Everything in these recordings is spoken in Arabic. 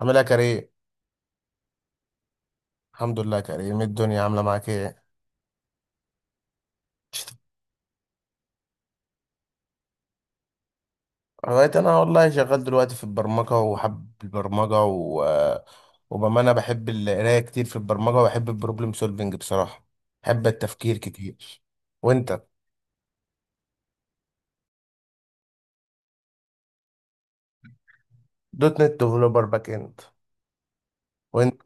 عامل ايه يا كريم؟ الحمد لله يا كريم، إيه الدنيا عامله معاك ايه؟ بقيت انا والله شغال دلوقتي في البرمجه وحب البرمجه وبامانه بحب القرايه كتير في البرمجه وبحب البروبلم سولفنج بصراحه. بحب التفكير كتير. وانت؟ دوت نت ديفلوبر باك اند. وانت؟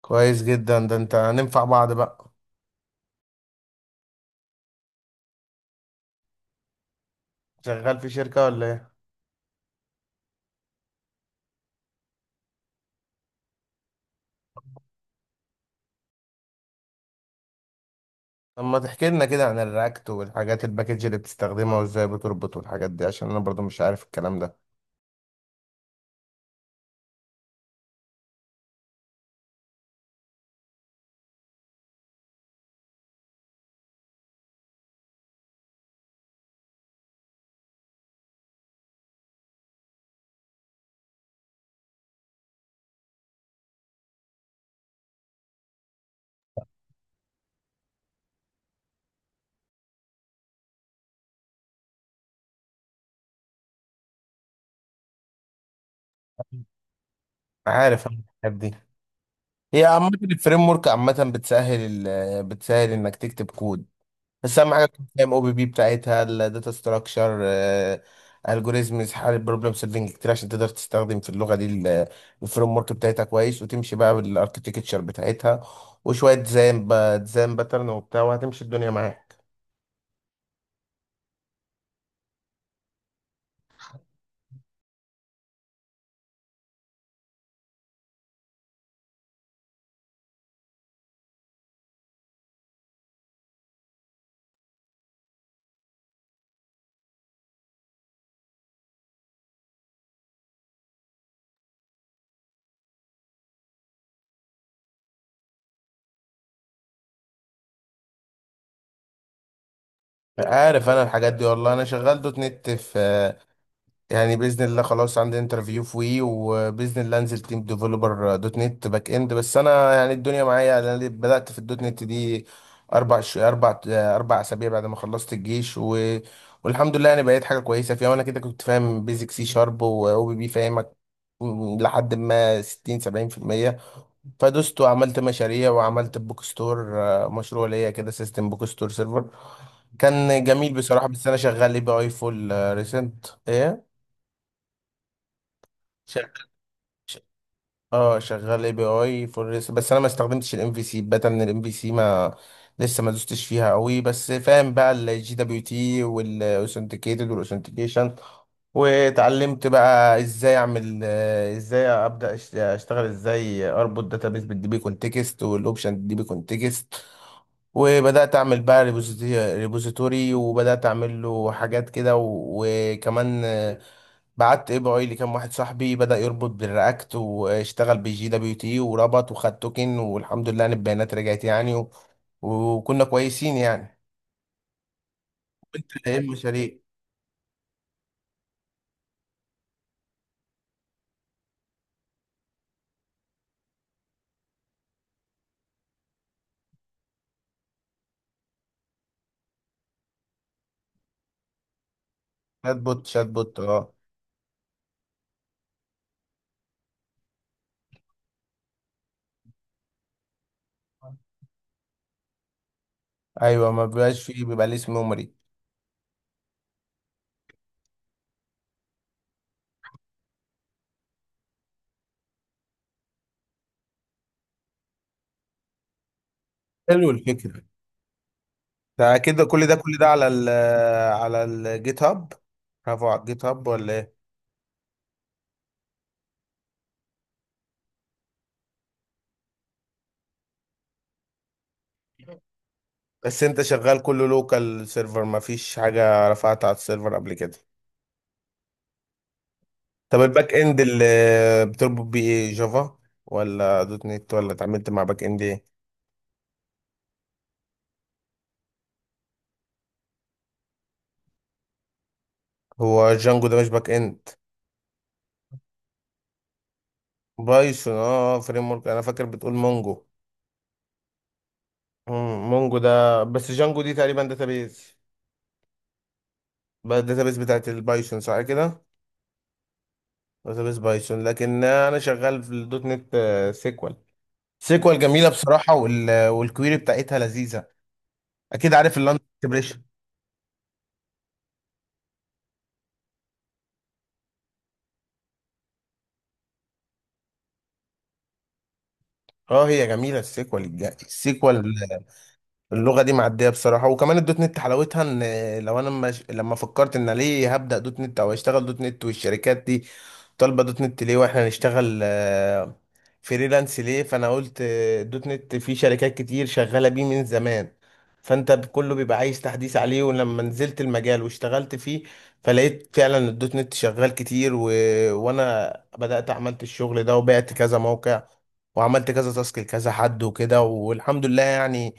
كويس جدا، ده انت هننفع بعض بقى. شغال في شركه ولا ايه؟ طب ما تحكي لنا كده عن الرياكت والحاجات الباكج اللي بتستخدمها وازاي بتربط والحاجات دي، عشان انا برضو مش عارف الكلام ده. عارف أنا الحاجات دي. هي عامة الفريم ورك عامة بتسهل بتسهل انك تكتب كود. بس اهم حاجة تكون فاهم او بي بي بتاعتها، الداتا ستراكشر، الجوريزمز، حل البروبلم سولفنج كتير عشان تقدر تستخدم في اللغة دي الفريم ورك بتاعتها كويس، وتمشي بقى بالاركتكتشر بتاعتها، وشوية ديزاين بقى، ديزاين باترن وبتاع، وهتمشي الدنيا معاك. عارف انا الحاجات دي، والله انا شغال دوت نت في، يعني باذن الله خلاص عندي انترفيو في وي، وباذن الله انزل تيم ديفلوبر دوت نت باك اند. بس انا يعني الدنيا معايا، انا بدات في الدوت نت دي اربع ش... اربع اربع اسابيع بعد ما خلصت الجيش والحمد لله، يعني بقيت حاجه كويسه فيها. وانا كده كنت فاهم بيزك سي شارب، واو بي بي فاهمك، لحد ما 60 70%. فدست وعملت مشاريع، وعملت بوك ستور، مشروع ليا كده، سيستم بوك ستور سيرفر. كان جميل بصراحه. بس انا شغال اي بي اي فول ريسنت ايه، ش- اه شغال اي بي اي فور ريس. بس انا ما استخدمتش الام في سي، الباتا من الام في سي ما لسه ما دوستش فيها قوي. بس فاهم بقى الجي دبليو تي والاوثنتيكيتد والاوثنتيكيشن. واتعلمت بقى ازاي اعمل، ازاي ابدا اشتغل، ازاي اربط داتابيس بالديبي كونتكست والاوبشن ديبي كونتكست، وبدات اعمل بقى ريبوزيتوري، وبدات اعمل له حاجات كده وكمان، بعت اي بي اي لكام واحد صاحبي، بدا يربط بالرياكت واشتغل بالجي دبليو تي وربط وخد توكن، والحمد لله ان البيانات رجعت يعني، وكنا كويسين يعني. ايه المشاريع؟ شات بوت شات بوت، اه. ايوه، ما بيبقاش فيه، بيبقى ليه اسم ميموري. حلو الفكره. ده كده كل ده، كل ده على ال على الجيت هاب؟ برافو، على الجيت هاب ولا ايه؟ بس انت شغال كله لوكال سيرفر، ما فيش حاجه رفعتها على السيرفر قبل كده؟ طب الباك اند اللي بتربط بيه ايه، جافا ولا دوت نت ولا اتعاملت مع باك اند ايه؟ هو جانجو ده مش باك اند؟ بايثون، اه فريم ورك، انا فاكر بتقول مونجو. مونجو ده، بس جانجو دي تقريبا داتابيز. بقى الداتابيز بتاعت البايثون، صح كده؟ داتابيس بايثون. لكن انا شغال في الدوت نت سيكوال. سيكوال جميله بصراحه، والكويري بتاعتها لذيذه. اكيد عارف اللندن اكسبريشن. اه، هي جميله السيكوال. اللغه دي معديه بصراحه. وكمان الدوت نت حلاوتها ان، لو انا مش... لما فكرت ان ليه هبدا دوت نت او اشتغل دوت نت، والشركات دي طالبه دوت نت ليه، واحنا نشتغل فريلانس ليه، فانا قلت دوت نت في شركات كتير شغاله بيه من زمان، فانت كله بيبقى عايز تحديث عليه. ولما نزلت المجال واشتغلت فيه، فلقيت فعلا الدوت نت شغال كتير، وانا بدات عملت الشغل ده وبعت كذا موقع، وعملت كذا تاسك لكذا حد وكده، والحمد لله يعني،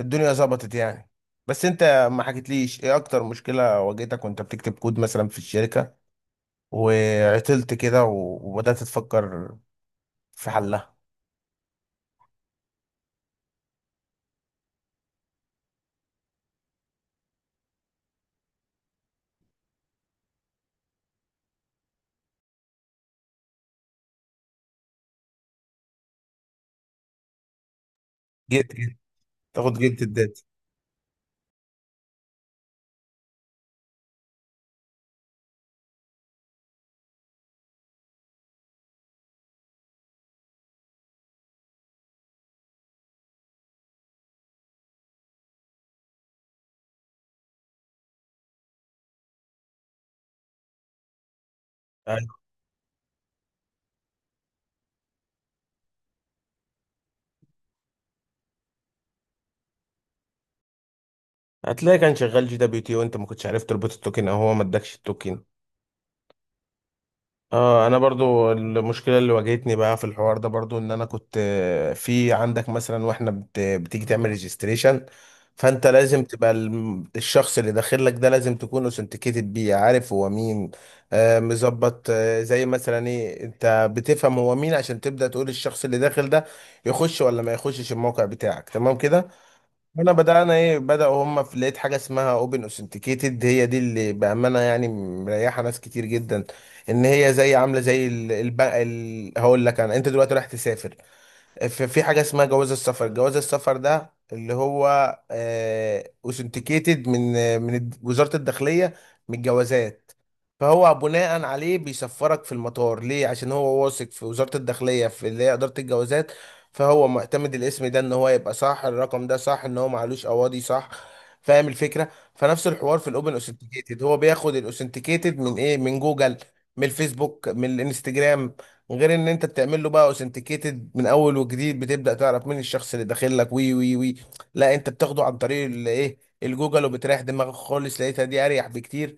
الدنيا ظبطت يعني. بس انت ما حكيتليش ايه اكتر مشكله واجهتك وانت بتكتب كود مثلا في الشركه وعطلت كده، وبدات تفكر في حلها؟ جيت تاخد جلد الداتا. أيوة. هتلاقي كان شغال جي دبليو تي، وانت ما كنتش عارف تربط التوكن، او هو ما ادكش التوكن. اه، انا برضو المشكله اللي واجهتني بقى في الحوار ده برضو ان انا كنت، في عندك مثلا، واحنا بتيجي تعمل ريجستريشن، فانت لازم تبقى الشخص اللي داخل لك ده لازم تكون اوثنتيكيتد بيه، عارف هو مين. مظبط، زي مثلا ايه، انت بتفهم هو مين عشان تبدا تقول الشخص اللي داخل ده يخش ولا ما يخشش الموقع بتاعك، تمام كده. هنا بدأنا ايه، بدأوا هم في لقيت حاجة اسمها اوبن اوثنتيكيتد، هي دي اللي بأمانة يعني مريحة ناس كتير جدا. ان هي عاملة زي البنك، هقول لك انت دلوقتي رايح تسافر، في حاجة اسمها جواز السفر، جواز السفر ده اللي هو اوثنتيكيتد من، من وزارة الداخلية، من الجوازات. فهو بناء عليه بيسفرك في المطار، ليه؟ عشان هو واثق في وزارة الداخلية، في اللي هي إدارة الجوازات. فهو معتمد الاسم ده ان هو يبقى صح، الرقم ده صح، ان هو معلوش اواضي صح. فاهم الفكرة؟ فنفس الحوار في الاوبن اوثنتيكيتد، هو بياخد الاوثنتيكيتد من ايه، من جوجل، من الفيسبوك، من الانستجرام، غير ان انت بتعمل له بقى اوثنتيكيتد من اول وجديد بتبدا تعرف مين الشخص اللي داخل لك، وي وي وي لا انت بتاخده عن طريق الايه، الجوجل، وبتريح دماغك خالص. لقيتها دي اريح بكتير.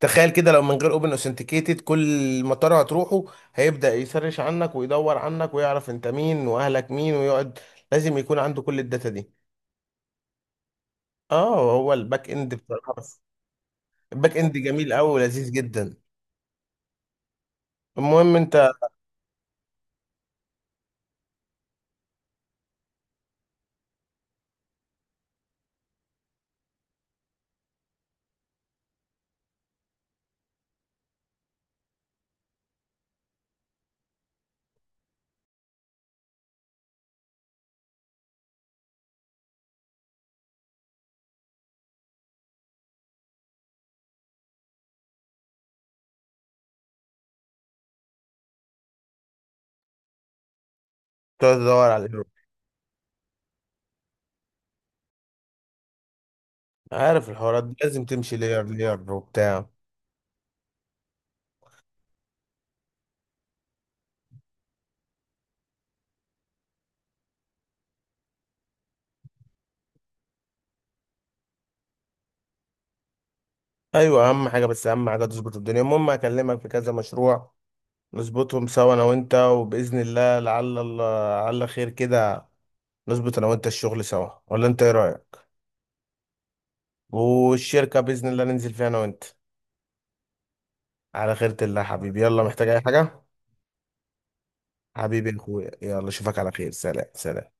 تخيل كده لو من غير اوبن اوثنتيكيتد، كل مطار هتروحه هيبدا يسرش عنك ويدور عنك ويعرف انت مين واهلك مين ويقعد، لازم يكون عنده كل الداتا دي. اه، هو الباك اند بصراحه، الباك اند جميل قوي ولذيذ جدا. المهم انت، تقعد تدور على الهيرو، عارف الحوارات دي لازم تمشي لير لير وبتاع. ايوه، اهم حاجه، بس اهم حاجه تظبط الدنيا. المهم هكلمك في كذا مشروع، نظبطهم سوا انا وانت، وباذن الله لعل الله، لعل خير كده، نظبط انا وانت الشغل سوا، ولا انت ايه رايك؟ والشركه باذن الله ننزل فيها انا وانت، على خيرة الله يا حبيبي. يلا، محتاج اي حاجه؟ حبيبي يا اخويا، يلا اشوفك على خير، سلام سلام.